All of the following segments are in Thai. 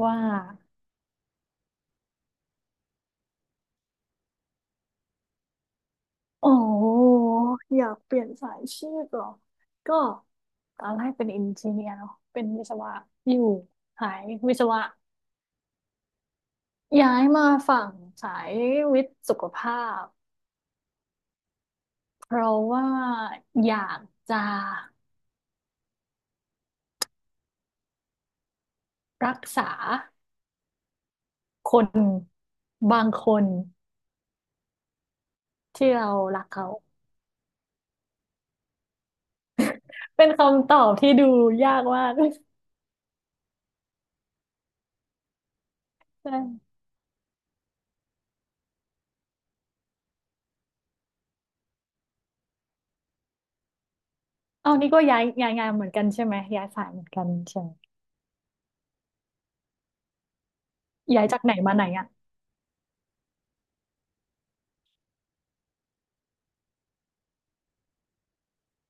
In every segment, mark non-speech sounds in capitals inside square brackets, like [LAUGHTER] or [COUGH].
ว่าโอ๋ออยากเปลี่ยนสายชีพเหรอ ก็ตอนแรกเป็นอินจ n เนียร์เนาะเป็นวิศวะอยู่สายวิศวะย้ายมาฝั่งสายวิทย์สุขภาพเพราะว่าอยากจะรักษาคนบางคนที่เรารักเขาเป็นคำตอบที่ดูยากมาก [LAUGHS] ใช่เอานี่ก็ย้ายงานเหมือนกันใช่ไหมย้ายสายเหมือนกันใช่ไหมย้ายจากไหนมาไหนอ่ะ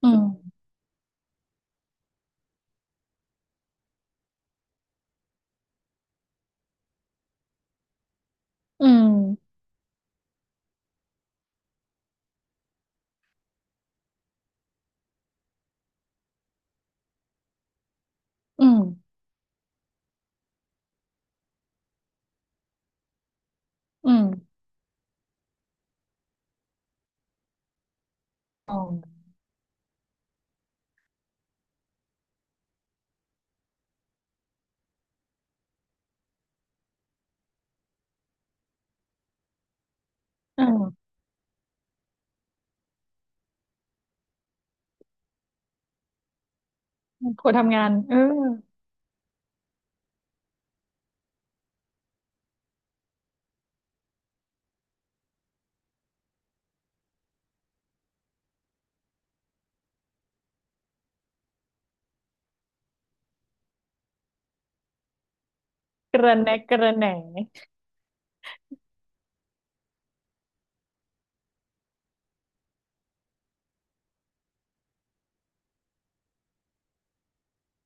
อืม อืมอืมอืมอ๋อเออคนทำงานเออกระแนะกระแหน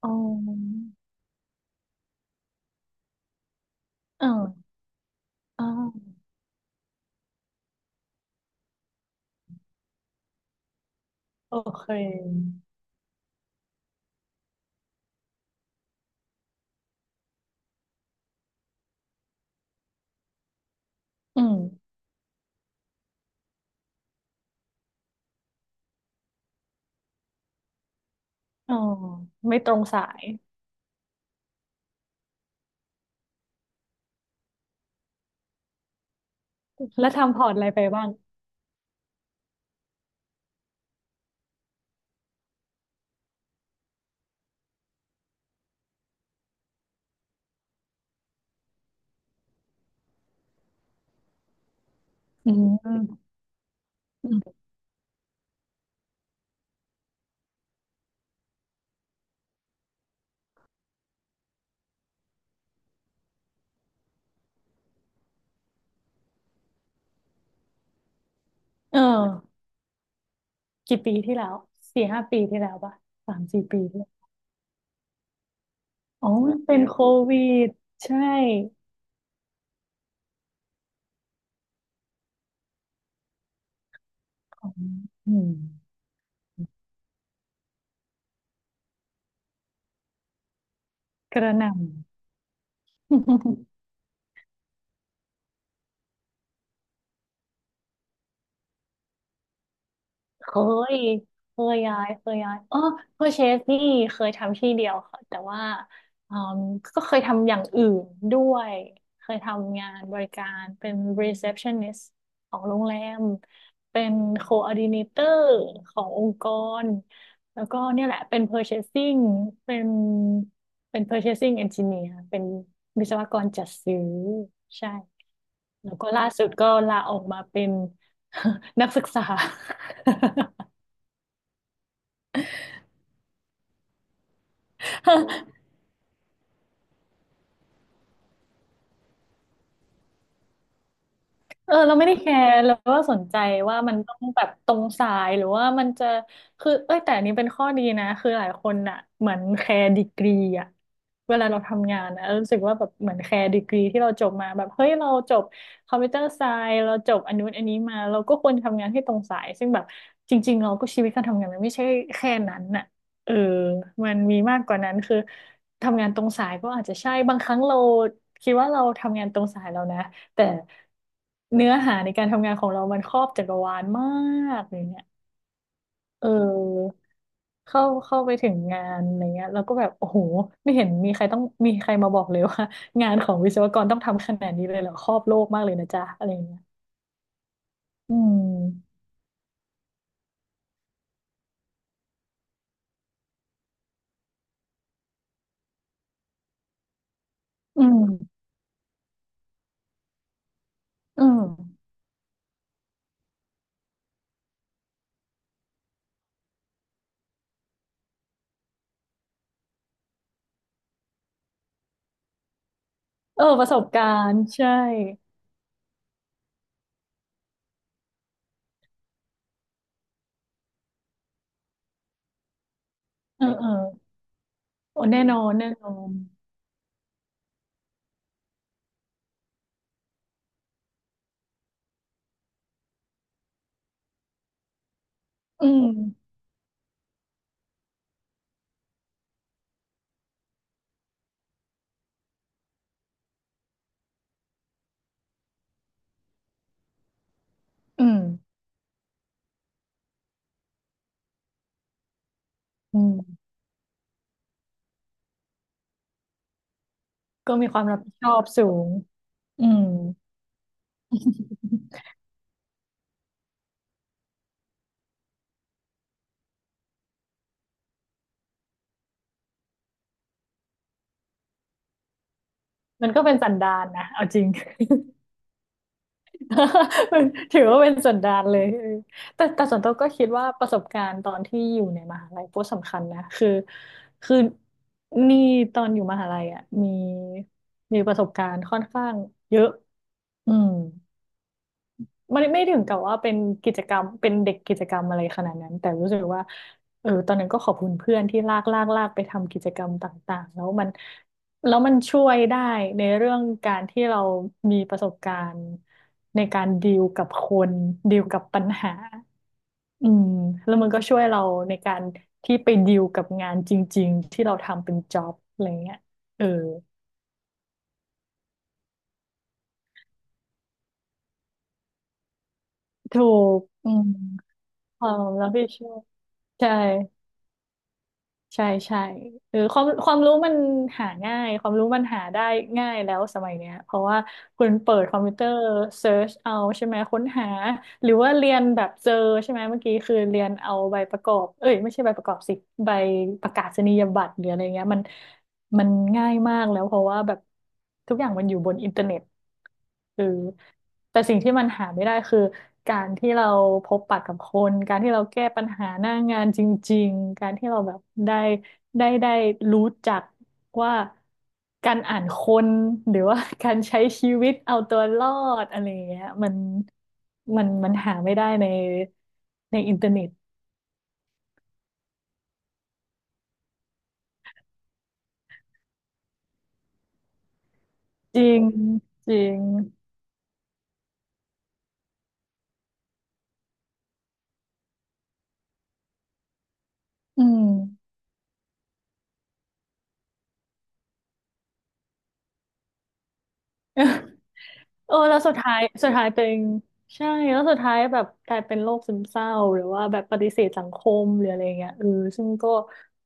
อ๋อเอออ๋อโอเคอืมอ๋อไม่ตรงสายแล้วทำพอร์ตอะไรไปบ้างอืมอืมเออกี่ปีที่แล้วสี่ห้าปีที่แล้วป่ะสามสี่ปีที่แล้วอ๋อมันเป็นโควิดใช่อ๋ออืมกระหน่ำ เคย เคยย้ายเออเพอร์เชสนี่เคยทำที่เดียวค่ะแต่ว่าอืมก็เคยทำอย่างอื่นด้วย เคยทำงานบริการเป็น receptionist ของโรงแรม เป็น coordinator ขององค์กร แล้วก็เนี่ยแหละ เป็น purchasing เชสซิ่งเป็นเป็น purchasing engineer เชสซิ่งเอนจิเนียร์เป็นวิศวกรจัดซื้อ ใช่ แล้วก็ล่าสุดก็ลาออกมาเป็น [LAUGHS] นักศึกษา [LAUGHS] เออเราไม่ได้แคร์แล้วก็สนใจว่ามันต้องแบบตรงสายหรือว่ามันจะคือเอ้ยแต่อันนี้เป็นข้อดีนะคือหลายคนอ่ะเหมือนแคร์ดีกรีอ่ะเวลาเราทำงานอะเรารู้สึกว่าแบบเหมือนแคร์ดีกรีที่เราจบมาแบบเฮ้ยเราจบคอมพิวเตอร์ไซน์เราจบอันนู้นอันนี้มาเราก็ควรทำงานให้ตรงสายซึ่งแบบจริงๆเราก็ชีวิตการทำงานมันไม่ใช่แค่นั้นน่ะเออมันมีมากกว่านั้นคือทำงานตรงสายก็อาจจะใช่บางครั้งเราคิดว่าเราทำงานตรงสายแล้วนะ แต่เนื้อหาในการทำงานของเรามันครอบจักรวาลมากอย่างเงี้ยเออเข้าไปถึงงานอะไรเงี้ยแล้วก็แบบโอ้โหไม่เห็นมีใครมาบอกเลยว่างานของวิศวกรต้องทำขนาดนี้เลยเหรอครอบโลกมากเลยนะจ๊ะอะไรเงี้ยอืมอืมอืมเออประสบการณ์ใช่เออเออโอ้แน่นอนแน่นอนอืมอืมอืมก็มีความรับผิดชอบสูงอืม [LAUGHS] มันก็เป็นสันดานนะเอาจริง [LAUGHS] มันถือว่าเป็นสันดานเลยเออแต่ส่วนตัวก็คิดว่าประสบการณ์ตอนที่อยู่ในมหาลัยก็สำคัญนะคือคือนี่ตอนอยู่มหาลัยอ่ะมีประสบการณ์ค่อนข้างเยอะอืม ไม่ถึงกับว่าเป็นกิจกรรมเป็นเด็กกิจกรรมอะไรขนาดนั้นแต่รู้สึกว่าเออตอนนั้นก็ขอบคุณเพื่อนที่ลากลากลากไปทำกิจกรรมต่างๆแล้วมันช่วยได้ในเรื่องการที่เรามีประสบการณ์ในการดีลกับคนดีลกับปัญหาอืมแล้วมันก็ช่วยเราในการที่ไปดีลกับงานจริงๆที่เราทำเป็นจ็อบอะไรเงี้ยเออถูกอืมความรับผิดชอบใช่ ใช่ใช่เออความรู้มันหาง่ายความรู้มันหาได้ง่ายแล้วสมัยเนี้ยเพราะว่าคุณเปิดคอมพิวเตอร์เซิร์ชเอาใช่ไหมค้นหาหรือว่าเรียนแบบเจอใช่ไหมเมื่อกี้คือเรียนเอาใบประกอบเอ้ยไม่ใช่ใบประกอบสิใบประกาศนียบัตรหรืออะไรเงี้ยมันง่ายมากแล้วเพราะว่าแบบทุกอย่างมันอยู่บนอินเทอร์เน็ต เือแต่สิ่งที่มันหาไม่ได้คือการที่เราพบปะกับคนการที่เราแก้ปัญหาหน้างานจริงๆการที่เราแบบได้ได้รู้จักว่าการอ่านคนหรือว่า [LAUGHS] การใช้ชีวิตเอาตัวรอดอะไรอย่างเงี้ยมันหาไม่ได้ในอินเทอร์เน็ตจริงจริงอืม [LAUGHS] เออแล้วสุดท้ายสุดท้ายเป็นใช่แล้วสุดท้ายแบบกลายเป็นโรคซึมเศร้าหรือว่าแบบปฏิเสธสังคมหรืออะไรเงี้ยเออซึ่งก็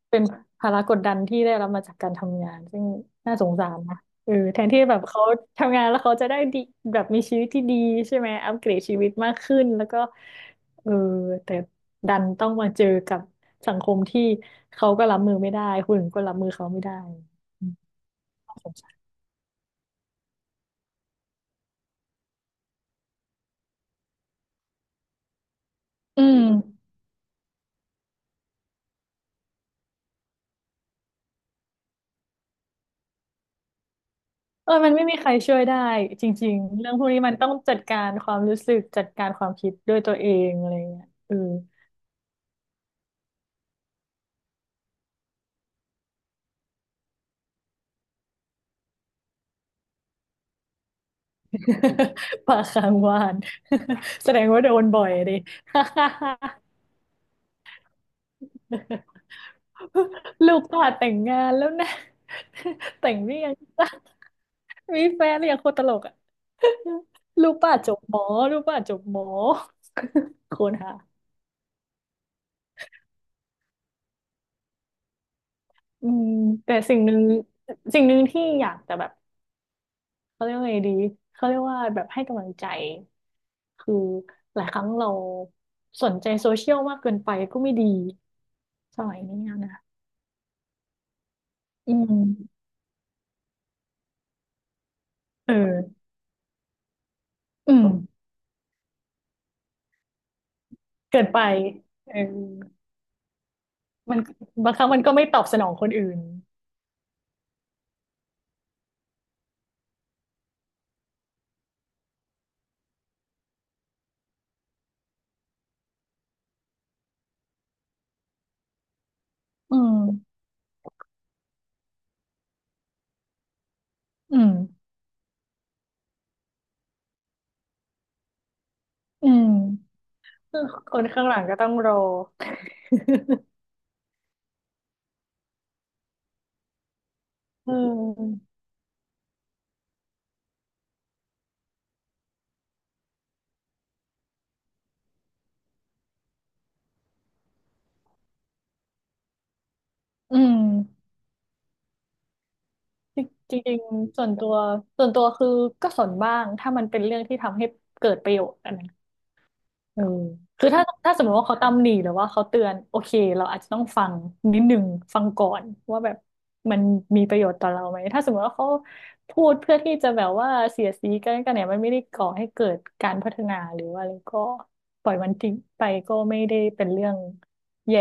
เป็นภาระกดดันที่ได้รับมาจากการทำงานซึ่งน่าสงสารนะเออแทนที่แบบเขาทำงานแล้วเขาจะได้ดีแบบมีชีวิตที่ดีใช่ไหมอัปเกรดชีวิตมากขึ้นแล้วก็เออแต่ดันต้องมาเจอกับสังคมที่เขาก็รับมือไม่ได้คนอื่นก็รับมือเขาไม่ได้อืมน่าสงสารอืม เออมันไม่มีใครช่วยได้จริงๆ เรื่องพวกนี้มันต้องจัดการความรู้สึกจัดการความคิดด้วยตัวเองอะไรเงี้ยเออ [LAUGHS] ปากค้างวาน [LAUGHS] แสดงว่าโดนบ่อยดิ [LAUGHS] ลูกก็แต่งงานแล้วนะ [LAUGHS] แต่งหรือยังจ๊ะมีแฟนหรือยังโคตรตลกอ่ะ [LAUGHS] ลูกป้าจบหมอลูกป้าจบหมอ [LAUGHS] โคนหาอืมแต่สิ่งหนึ่งที่อยากจะแบบ เขาเรียกว่าไงดีเขาเรียกว่าแบบให้กำลังใจคือหลายครั้งเราสนใจโซเชียลมากเกินไปก็ไม่ดีสมัยนี้อนะอืมเอออืมเกินไปเออมันบางครั้งมันก็ไม่ตอบสนองคนอื่นอืมอืมอืมคนข้างหลังก็ต้องรออืม [LAUGHS] อืมจริงจริงๆส่วนตัวคือก็สนบ้างถ้ามันเป็นเรื่องที่ทำให้เกิดประโยชน์อันนั้น เออคือถ้าสมมติว่าเขาตำหนิหรือว่าเขาเตือนโอเคเราอาจจะต้องฟังนิดหนึ่งฟังก่อนว่าแบบมันมีประโยชน์ต่อเราไหมถ้าสมมติว่าเขาพูดเพื่อที่จะแบบว่าเสียดสีกันเนี่ยมันไม่ได้ก่อให้เกิดการพัฒนาหรือว่าอะไรก็ปล่อยมันทิ้งไปก็ไม่ได้เป็นเรื่องแย่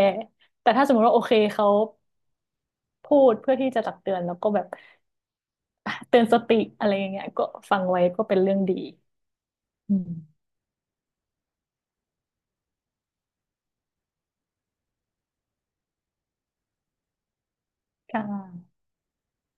แต่ถ้าสมมติว่าโอเคเขาพูดเพื่อที่จะตักเตือนแล้วก็แบบเตือนสติอะไรอย่างเงี้ยก็ฟังไว้ก็เป็นเรื่องดีอืมค่ะ